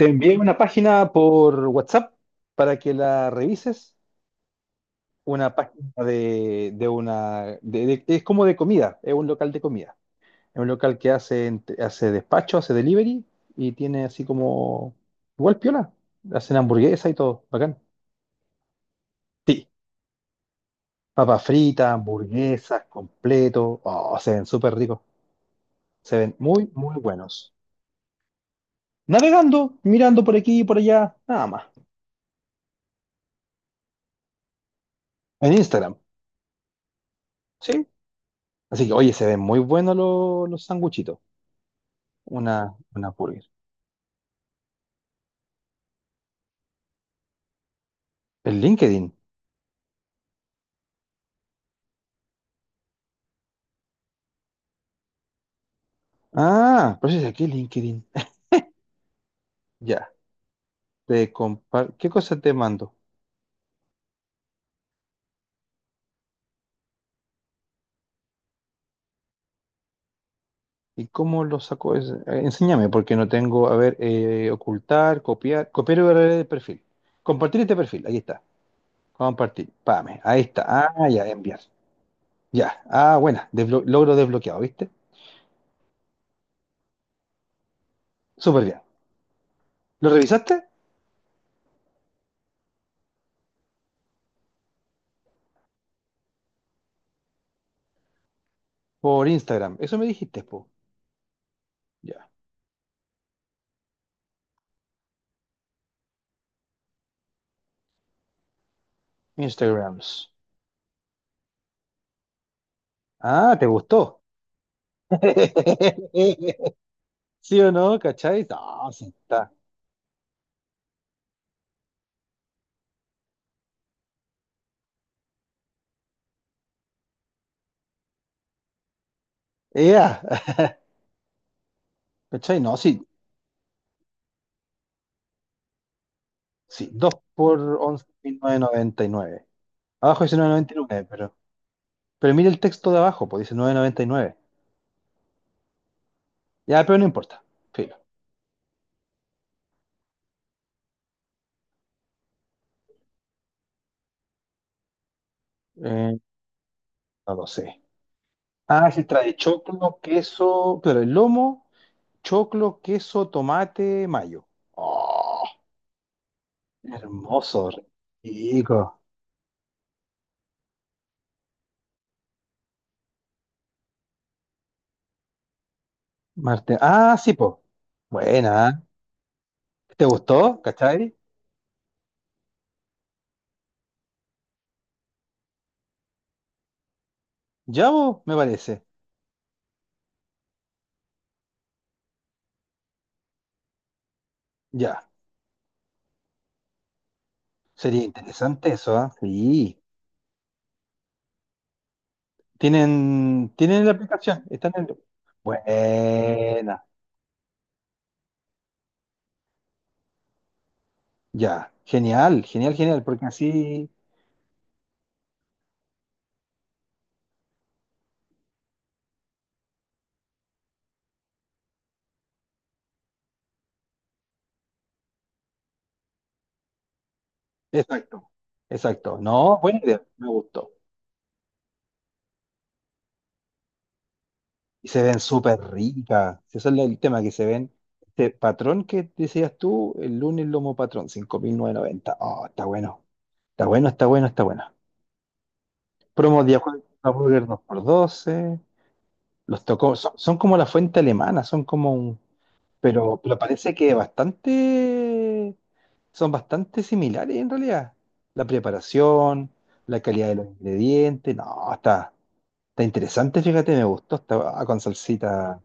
Te envié una página por WhatsApp para que la revises. Una página de una... es como de comida, es un local de comida. Es un local que hace, hace despacho, hace delivery y tiene así como... Igual piola. Hacen hamburguesa y todo, bacán. Sí, papas fritas, hamburguesas, completo. Oh, se ven súper ricos. Se ven muy, muy buenos. Navegando, mirando por aquí y por allá, nada más. En Instagram, ¿sí? Así que, oye, se ven muy buenos los, sanguchitos. Una burger. El LinkedIn. Ah, pero si es aquí LinkedIn. Ya. ¿Qué cosa te mando? ¿Y cómo lo saco? Enséñame, porque no tengo. A ver, ocultar, copiar. Copiar URL de perfil. Compartir este perfil. Ahí está. Compartir. Pame. Ahí está. Ah, ya, enviar. Ya. Ah, buena. Desblo- logro desbloqueado, ¿viste? Súper bien. ¿Lo revisaste? Por Instagram. Eso me dijiste, po. Ya. Instagrams. Ah, ¿te gustó? ¿Sí o no? ¿Cachai? No, sí está. ¡Ea! ¿Cachai? No, sí, sí. 2 por 11.999. Abajo dice 999, pero mire el texto de abajo, pues dice 999. Ya, pero no importa. Filo. Eh, no lo sé. Ah, sí, trae choclo, queso, claro, el lomo, choclo, queso, tomate, mayo. ¡Oh! Hermoso, rico. Marte. Ah, sí, po. Buena. ¿Eh? ¿Te gustó? ¿Cachai? Ya, po, me parece. Ya. Sería interesante eso, ¿ah? Sí. Tienen la aplicación, están en el... Buena, ya. Genial, genial, genial, porque así... Exacto, exacto. No, buena idea, me gustó. Y se ven súper ricas. Si ese es el tema, que se ven... Este patrón que decías tú, el lunes lomo patrón, 5.990. Oh, está bueno. Está bueno, está bueno, está bueno. Promo día jueves, hamburger 2 por doce. Los tocó, son como la fuente alemana, son como un Pero parece que bastante, son bastante similares en realidad. La preparación, la calidad de los ingredientes, no, está interesante, fíjate, me gustó, está con salsita.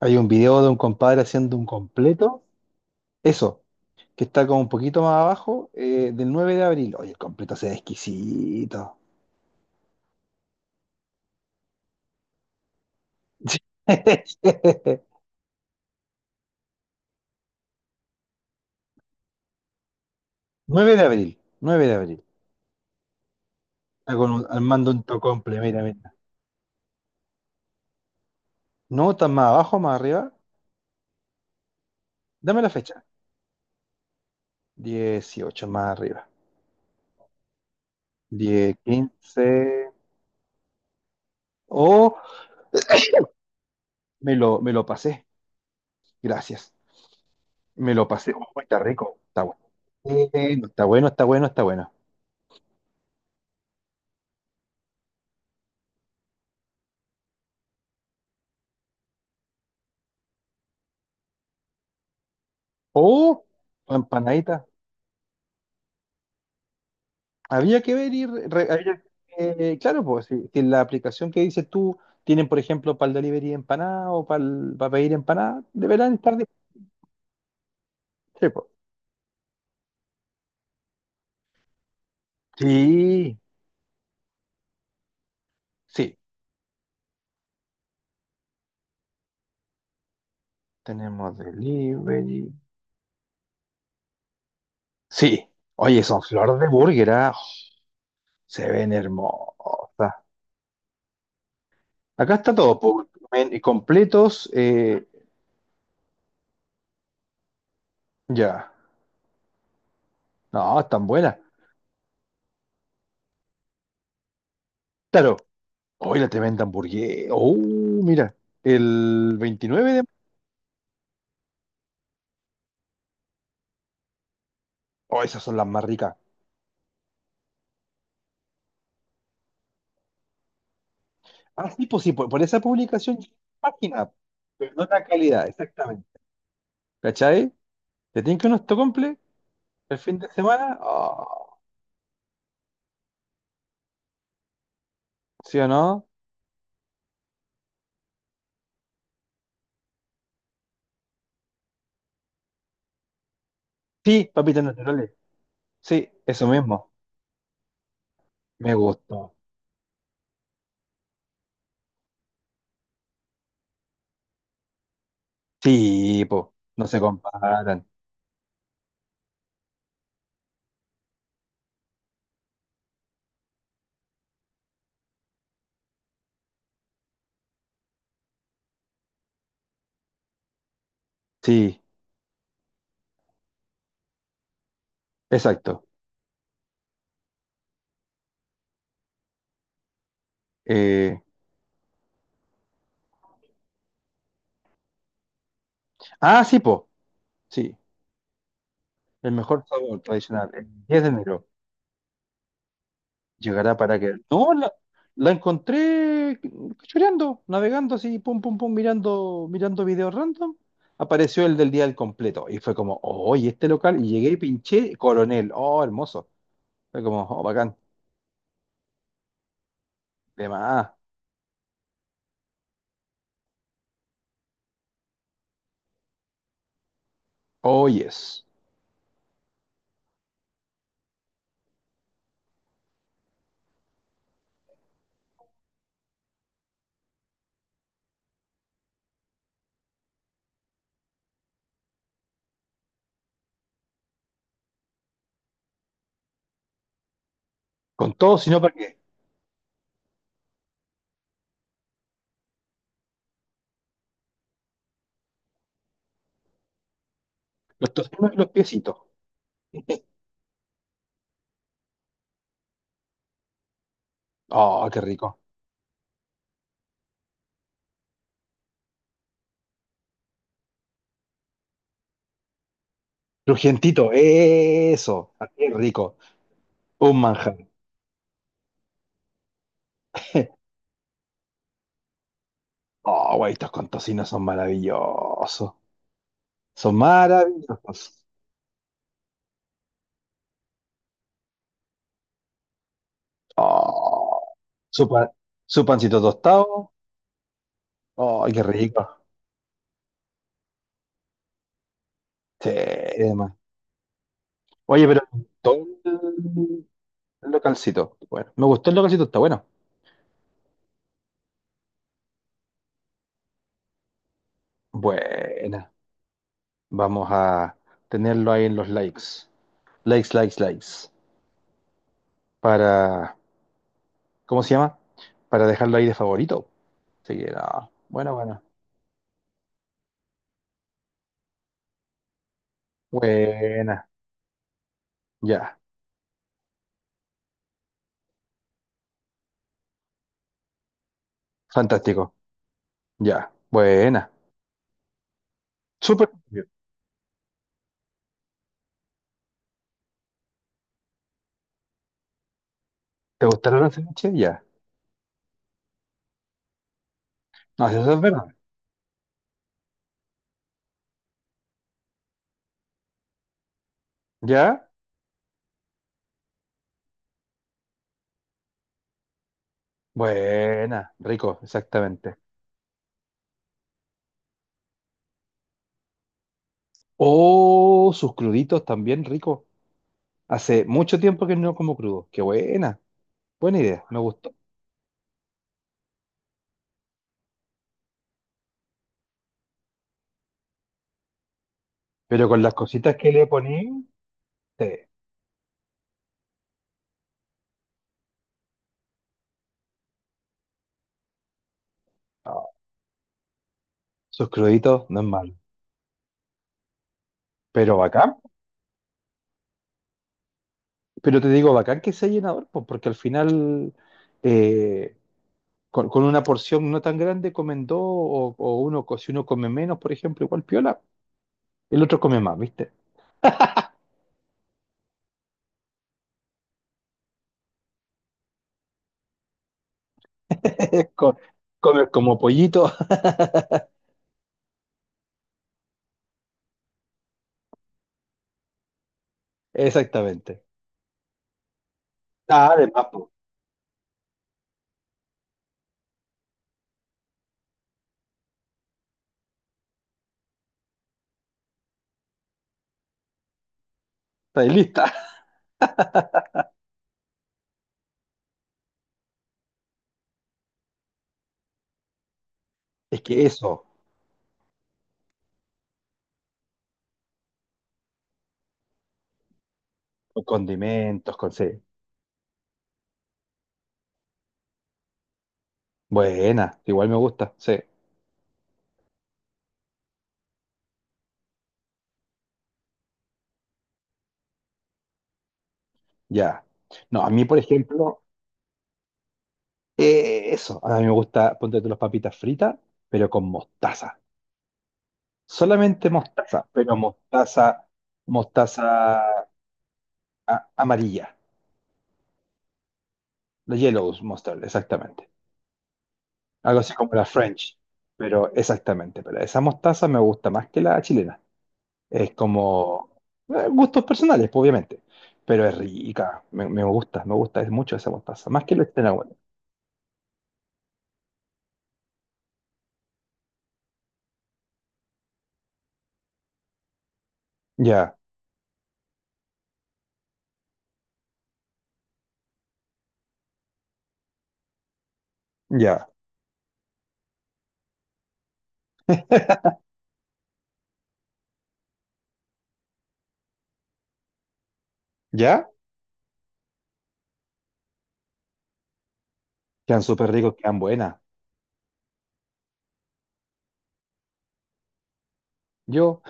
Hay un video de un compadre haciendo un completo, eso, que está como un poquito más abajo, del 9 de abril. Oye, el completo se ve exquisito. 9 de abril, 9 de abril. Está armando un tocomple, mira, mira. No, está más abajo, más arriba. Dame la fecha. 18 más arriba. 10, 15. Oh, me lo pasé. Gracias. Me lo pasé. Oh, está rico. Está bueno. Bueno, está bueno, está bueno, está bueno. Oh, empanadita. Había que ver y claro, pues si la aplicación que dices tú tienen, por ejemplo, para el delivery de empanada o para pedir empanada, deberán estar disponibles, po. Sí, sí. Tenemos delivery. Sí. Oye, son flor de burger, ¿ah? Se ven hermosas. Acá está todo, po, completos. Ya. No, están buenas. Claro. Hoy la tremenda hamburguesa. Oh, mira. El 29 de... Oh, esas son las más ricas. Ah, sí, pues sí, por esa publicación, página. Pero no la calidad, exactamente. ¿Cachai? ¿Te tienen que unos tocomple el fin de semana? Oh, ¿sí o no? Sí, papitas naturales. Sí, eso mismo. Me gustó. Sí, po. No se comparan. Sí. Exacto. Eh, sí, po. Sí, el mejor sabor tradicional. El 10 de enero llegará para que. No, la encontré cachureando, navegando así, pum, pum, pum, mirando, mirando videos random. Apareció el del día del completo y fue como, oh, oye, este local. Y llegué y pinché Coronel. Oh, hermoso. Fue como, oh, bacán. De más. Oh, yes. Con todo, sino para qué. Los tocinos y los piecitos. Oh, qué rico. Crujientito, eso. Qué rico. Un manjar. Oh, güey, estos con tocino son maravillosos. Son maravillosos. Oh, su, pa- su pancito tostado. Oh, qué rico. Sí, además. Oye, pero todo el localcito. Bueno, me gustó el localcito, está bueno. Buena. Vamos a tenerlo ahí en los likes. Likes, likes, likes. Para, ¿cómo se llama? Para dejarlo ahí de favorito. Así que, no. Bueno, bueno. Buena. Ya. Fantástico. Ya. Buena. Súper bien. ¿Te gustaron las ceviches? Ya. No, eso es verdad. ¿Ya? Buena, rico, exactamente. Oh, sus cruditos también rico. Hace mucho tiempo que no como crudo. Qué buena. Buena idea, me gustó. Pero con las cositas que le poní, sí. No, sus cruditos no es malo. Pero bacán. Pero te digo, bacán que sea llenador, pues, porque al final eh, con una porción no tan grande comen dos o uno, si uno come menos, por ejemplo, igual piola. El otro come más, ¿viste? Co- Comes como pollito. Exactamente. Ah, además, pues, estáis lista. Es que eso, con condimentos, con sí. Buena, igual me gusta, sí. Ya. No, a mí, por ejemplo, eso. A mí me gusta, ponte tú las papitas fritas, pero con mostaza. Solamente mostaza, pero mostaza, mostaza amarilla. La yellow mustard, exactamente. Algo así como la French, pero exactamente. Pero esa mostaza me gusta más que la chilena. Es como gustos personales, pues, obviamente. Pero es rica, me gusta, me gusta, es mucho esa mostaza. Más que el extra bueno. Ya, ya, ya. Quedan súper ricos, quedan buenas. Yo,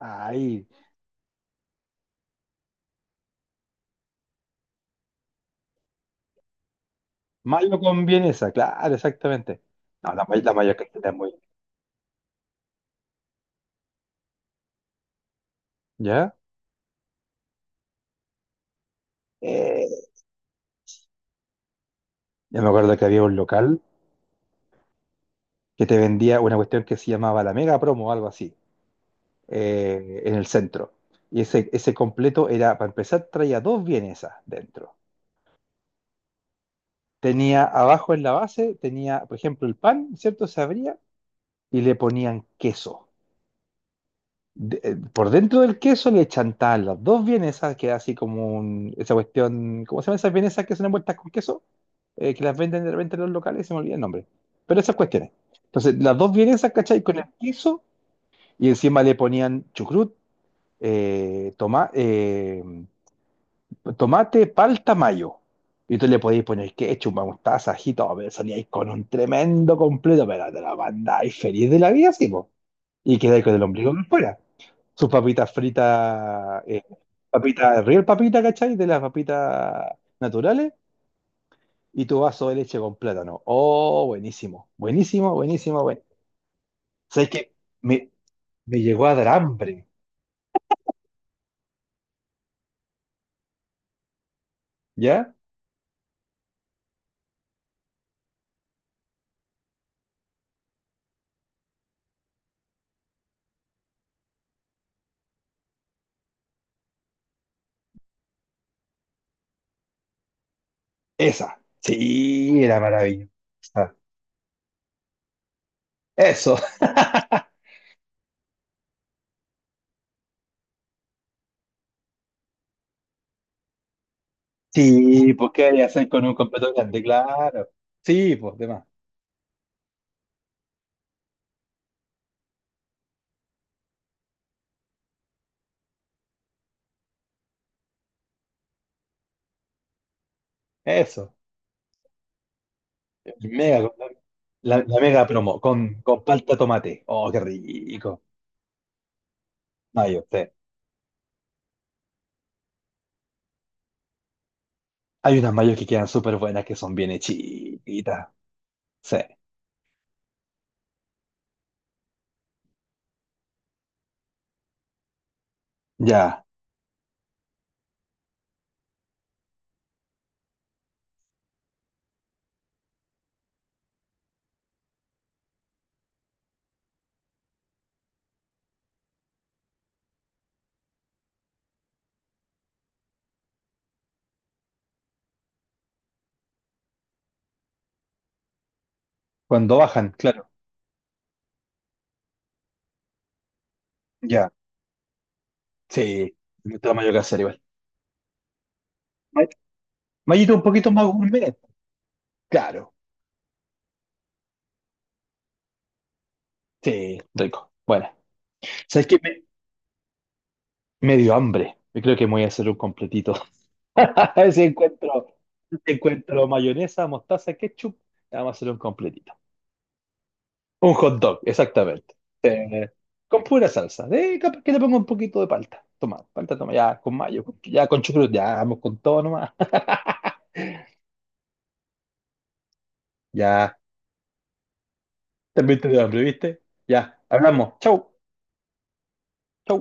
ay, mayo con vienesa, claro, exactamente. No, la mayo cajeta es muy. ¿Ya? Eh, ya me acuerdo que había un local que te vendía una cuestión que se llamaba la Mega Promo o algo así, en el centro. Y ese completo era, para empezar, traía dos vienesas dentro tenía abajo en la base, tenía, por ejemplo, el pan, ¿cierto? Se abría y le ponían queso. Por dentro del queso le chantaban las dos vienesas, que era así como esa cuestión, ¿cómo se llaman esas vienesas que son envueltas con queso? Que las venden de repente en los locales, se me olvida el nombre. Pero esas cuestiones. Entonces, las dos vienesas, ¿cachai? Con el queso y encima le ponían chucrut, eh, toma- eh, tomate, palta, mayo. Y tú le podías poner ketchup, mostaza, ají, todo, pero salíais con un tremendo completo, pero te la mandáis feliz de la vida, sí, po. Y quedáis con el ombligo por fuera. Sus papitas fritas, papitas, real papita, ¿cachai? De las papitas naturales. Y tu vaso de leche con plátano. Oh, buenísimo, buenísimo, buenísimo, bueno. ¿Sabes qué? Me, me llegó a dar hambre, ¿ya? Esa. Sí, era maravillosa. Eso. Sí, pues qué haría hacer con un completo grande, claro. Sí, pues demás. Eso. El Mega, la mega promo con palta tomate. Oh, qué rico. Mayo, sí. Hay unas mayos que quedan súper buenas que son bien hechitas. Sí. Ya. Cuando bajan, claro. Ya. Sí. Otra mayo que hacer igual. May- Mayito un poquito más gourmet. Claro. Sí. Rico. Bueno. ¿Sabes qué? Me dio hambre. Yo creo que me voy a hacer un completito. Si encuentro, si encuentro mayonesa, mostaza, ketchup, vamos a hacer un completito. Un hot dog, exactamente. Eh, con pura salsa. Capaz que le pongo un poquito de palta. Toma, palta, toma, ya, con mayo, ya con chucrut, ya, vamos con todo nomás. Ya, también te dio hambre, ¿viste? Ya, hablamos. Chau, chau.